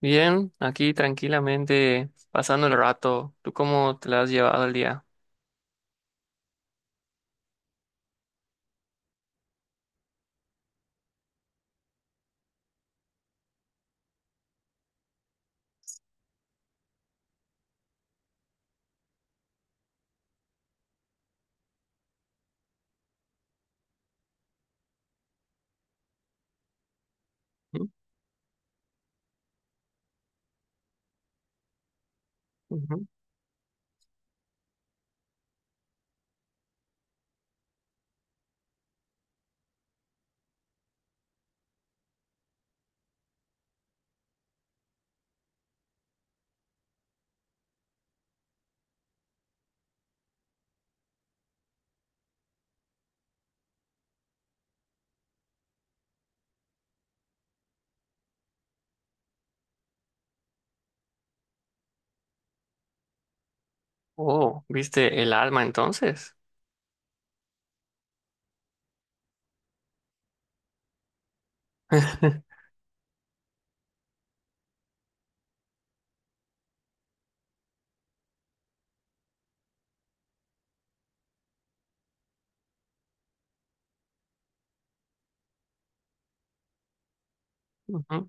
Bien, aquí tranquilamente pasando el rato. ¿Tú cómo te la has llevado el día? ¿Mm? Ujú. Oh, ¿viste el alma entonces? Wow,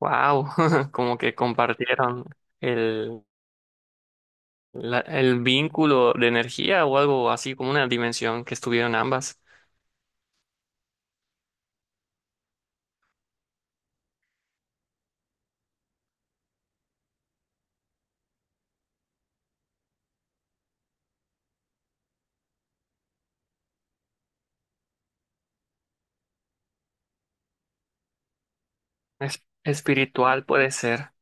como que compartieron el, el vínculo de energía o algo así, como una dimensión que estuvieron ambas. Espiritual puede ser.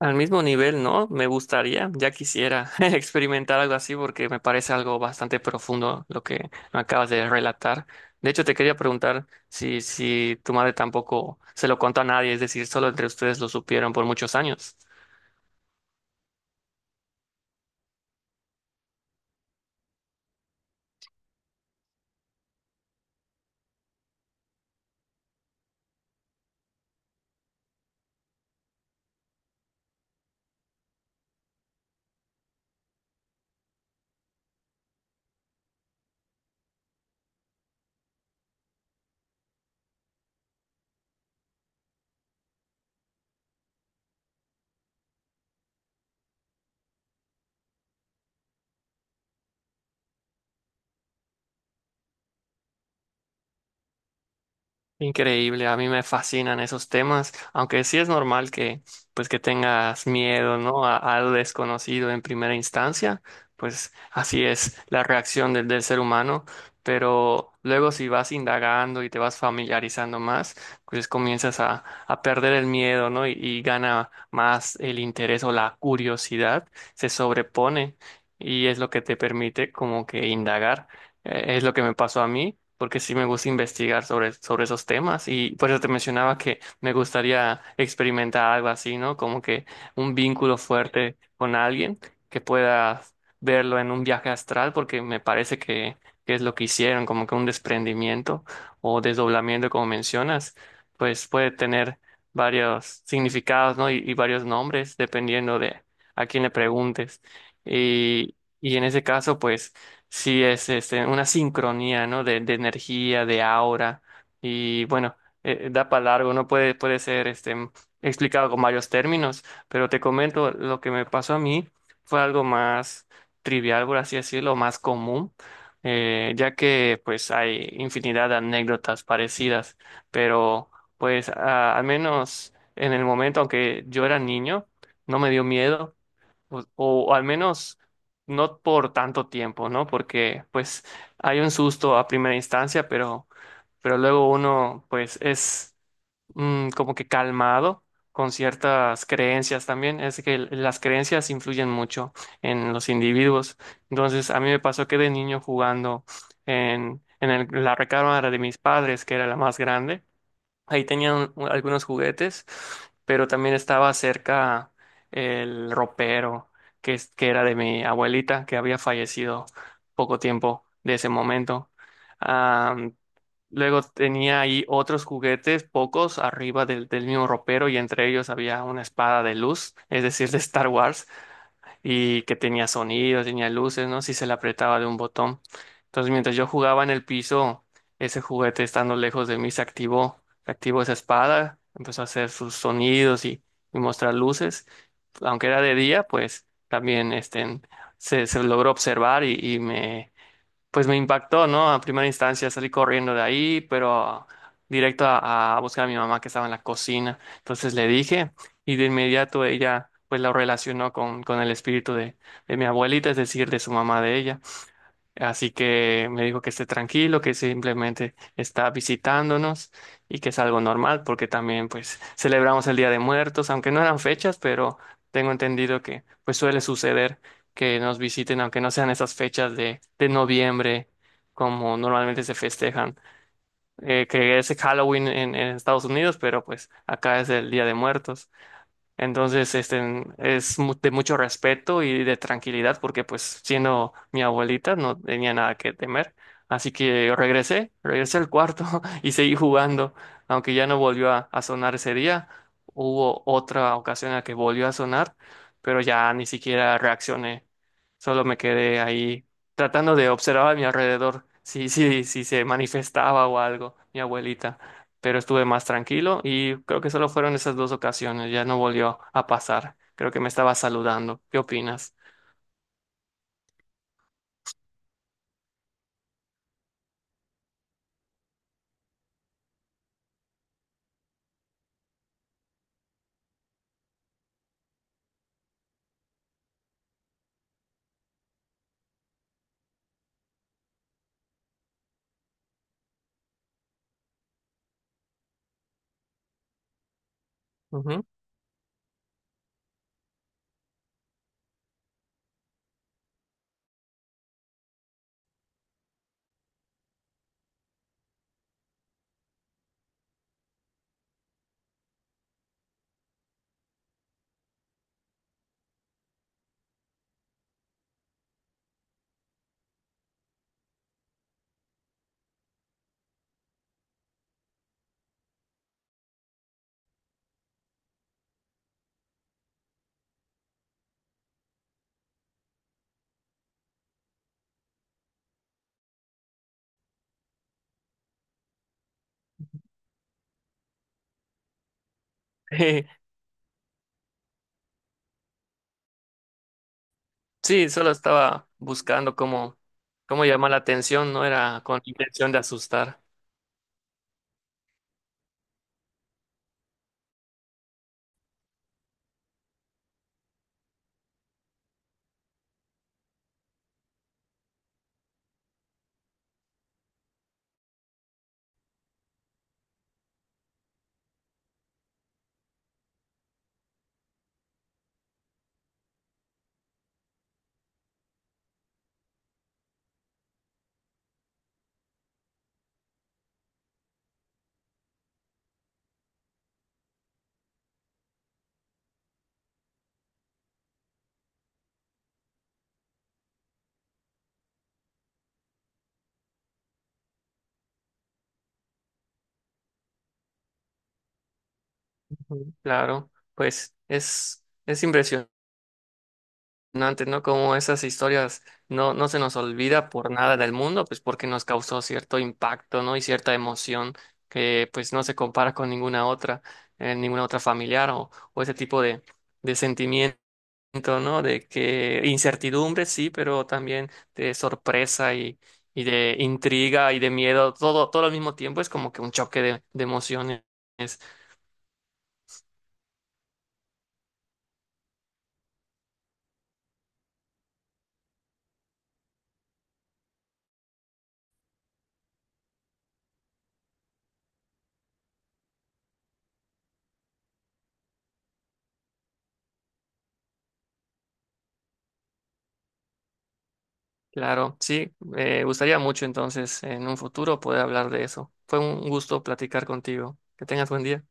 Al mismo nivel, ¿no? Me gustaría, ya quisiera experimentar algo así porque me parece algo bastante profundo lo que me acabas de relatar. De hecho, te quería preguntar si tu madre tampoco se lo contó a nadie, es decir, solo entre ustedes lo supieron por muchos años. Increíble, a mí me fascinan esos temas, aunque sí es normal que pues que tengas miedo, ¿no? A algo desconocido en primera instancia, pues así es la reacción del ser humano, pero luego si vas indagando y te vas familiarizando más, pues comienzas a perder el miedo, ¿no? Y gana más el interés o la curiosidad, se sobrepone y es lo que te permite como que indagar. Es lo que me pasó a mí, porque sí me gusta investigar sobre, sobre esos temas y por eso te mencionaba que me gustaría experimentar algo así, ¿no? Como que un vínculo fuerte con alguien que pueda verlo en un viaje astral, porque me parece que es lo que hicieron, como que un desprendimiento o desdoblamiento, como mencionas, pues puede tener varios significados, ¿no? Y varios nombres, dependiendo de a quién le preguntes. Y, y en ese caso, pues... Sí, es este, una sincronía, ¿no? De energía, de aura. Y bueno, da para largo, no puede, puede ser este, explicado con varios términos, pero te comento lo que me pasó a mí fue algo más trivial, por así decirlo, más común, ya que pues hay infinidad de anécdotas parecidas, pero pues al menos en el momento, aunque yo era niño, no me dio miedo o al menos no por tanto tiempo, ¿no? Porque pues hay un susto a primera instancia, pero luego uno pues es como que calmado con ciertas creencias también. Es que las creencias influyen mucho en los individuos. Entonces a mí me pasó que de niño jugando en la recámara de mis padres, que era la más grande. Ahí tenían algunos juguetes, pero también estaba cerca el ropero, que, que era de mi abuelita, que había fallecido poco tiempo de ese momento. Am, luego tenía ahí otros juguetes, pocos, arriba del, del mismo ropero, y entre ellos había una espada de luz, es decir, de Star Wars y que tenía sonido, tenía luces, ¿no? Si se la apretaba de un botón. Entonces, mientras yo jugaba en el piso, ese juguete estando lejos de mí se activó esa espada, empezó a hacer sus sonidos y mostrar luces. Aunque era de día, pues también este, se logró observar y me, pues me impactó, ¿no? A primera instancia salí corriendo de ahí, pero directo a buscar a mi mamá que estaba en la cocina. Entonces le dije y de inmediato ella pues lo relacionó con el espíritu de mi abuelita, es decir, de su mamá de ella. Así que me dijo que esté tranquilo, que simplemente está visitándonos y que es algo normal porque también pues celebramos el Día de Muertos, aunque no eran fechas, pero tengo entendido que pues suele suceder que nos visiten aunque no sean esas fechas de noviembre como normalmente se festejan, que es Halloween en Estados Unidos, pero pues acá es el Día de Muertos. Entonces, este, es de mucho respeto y de tranquilidad porque pues siendo mi abuelita no tenía nada que temer. Así que regresé, regresé al cuarto y seguí jugando. Aunque ya no volvió a sonar ese día, hubo otra ocasión en la que volvió a sonar, pero ya ni siquiera reaccioné. Solo me quedé ahí tratando de observar a mi alrededor si se manifestaba o algo, mi abuelita, pero estuve más tranquilo y creo que solo fueron esas dos ocasiones, ya no volvió a pasar. Creo que me estaba saludando. ¿Qué opinas? Ujú. Sí, solo estaba buscando cómo, cómo llamar la atención, no era con intención de asustar. Ujú. Claro, pues es impresionante. No, antes, ¿no? Como esas historias no, no se nos olvida por nada del mundo, pues porque nos causó cierto impacto, ¿no? Y cierta emoción que pues no se compara con ninguna otra familiar o ese tipo de sentimiento, ¿no? De que incertidumbre, sí, pero también de sorpresa y de intriga y de miedo, todo, todo al mismo tiempo es como que un choque de emociones. Claro, sí, me gustaría mucho entonces en un futuro poder hablar de eso. Fue un gusto platicar contigo. Que tengas buen día.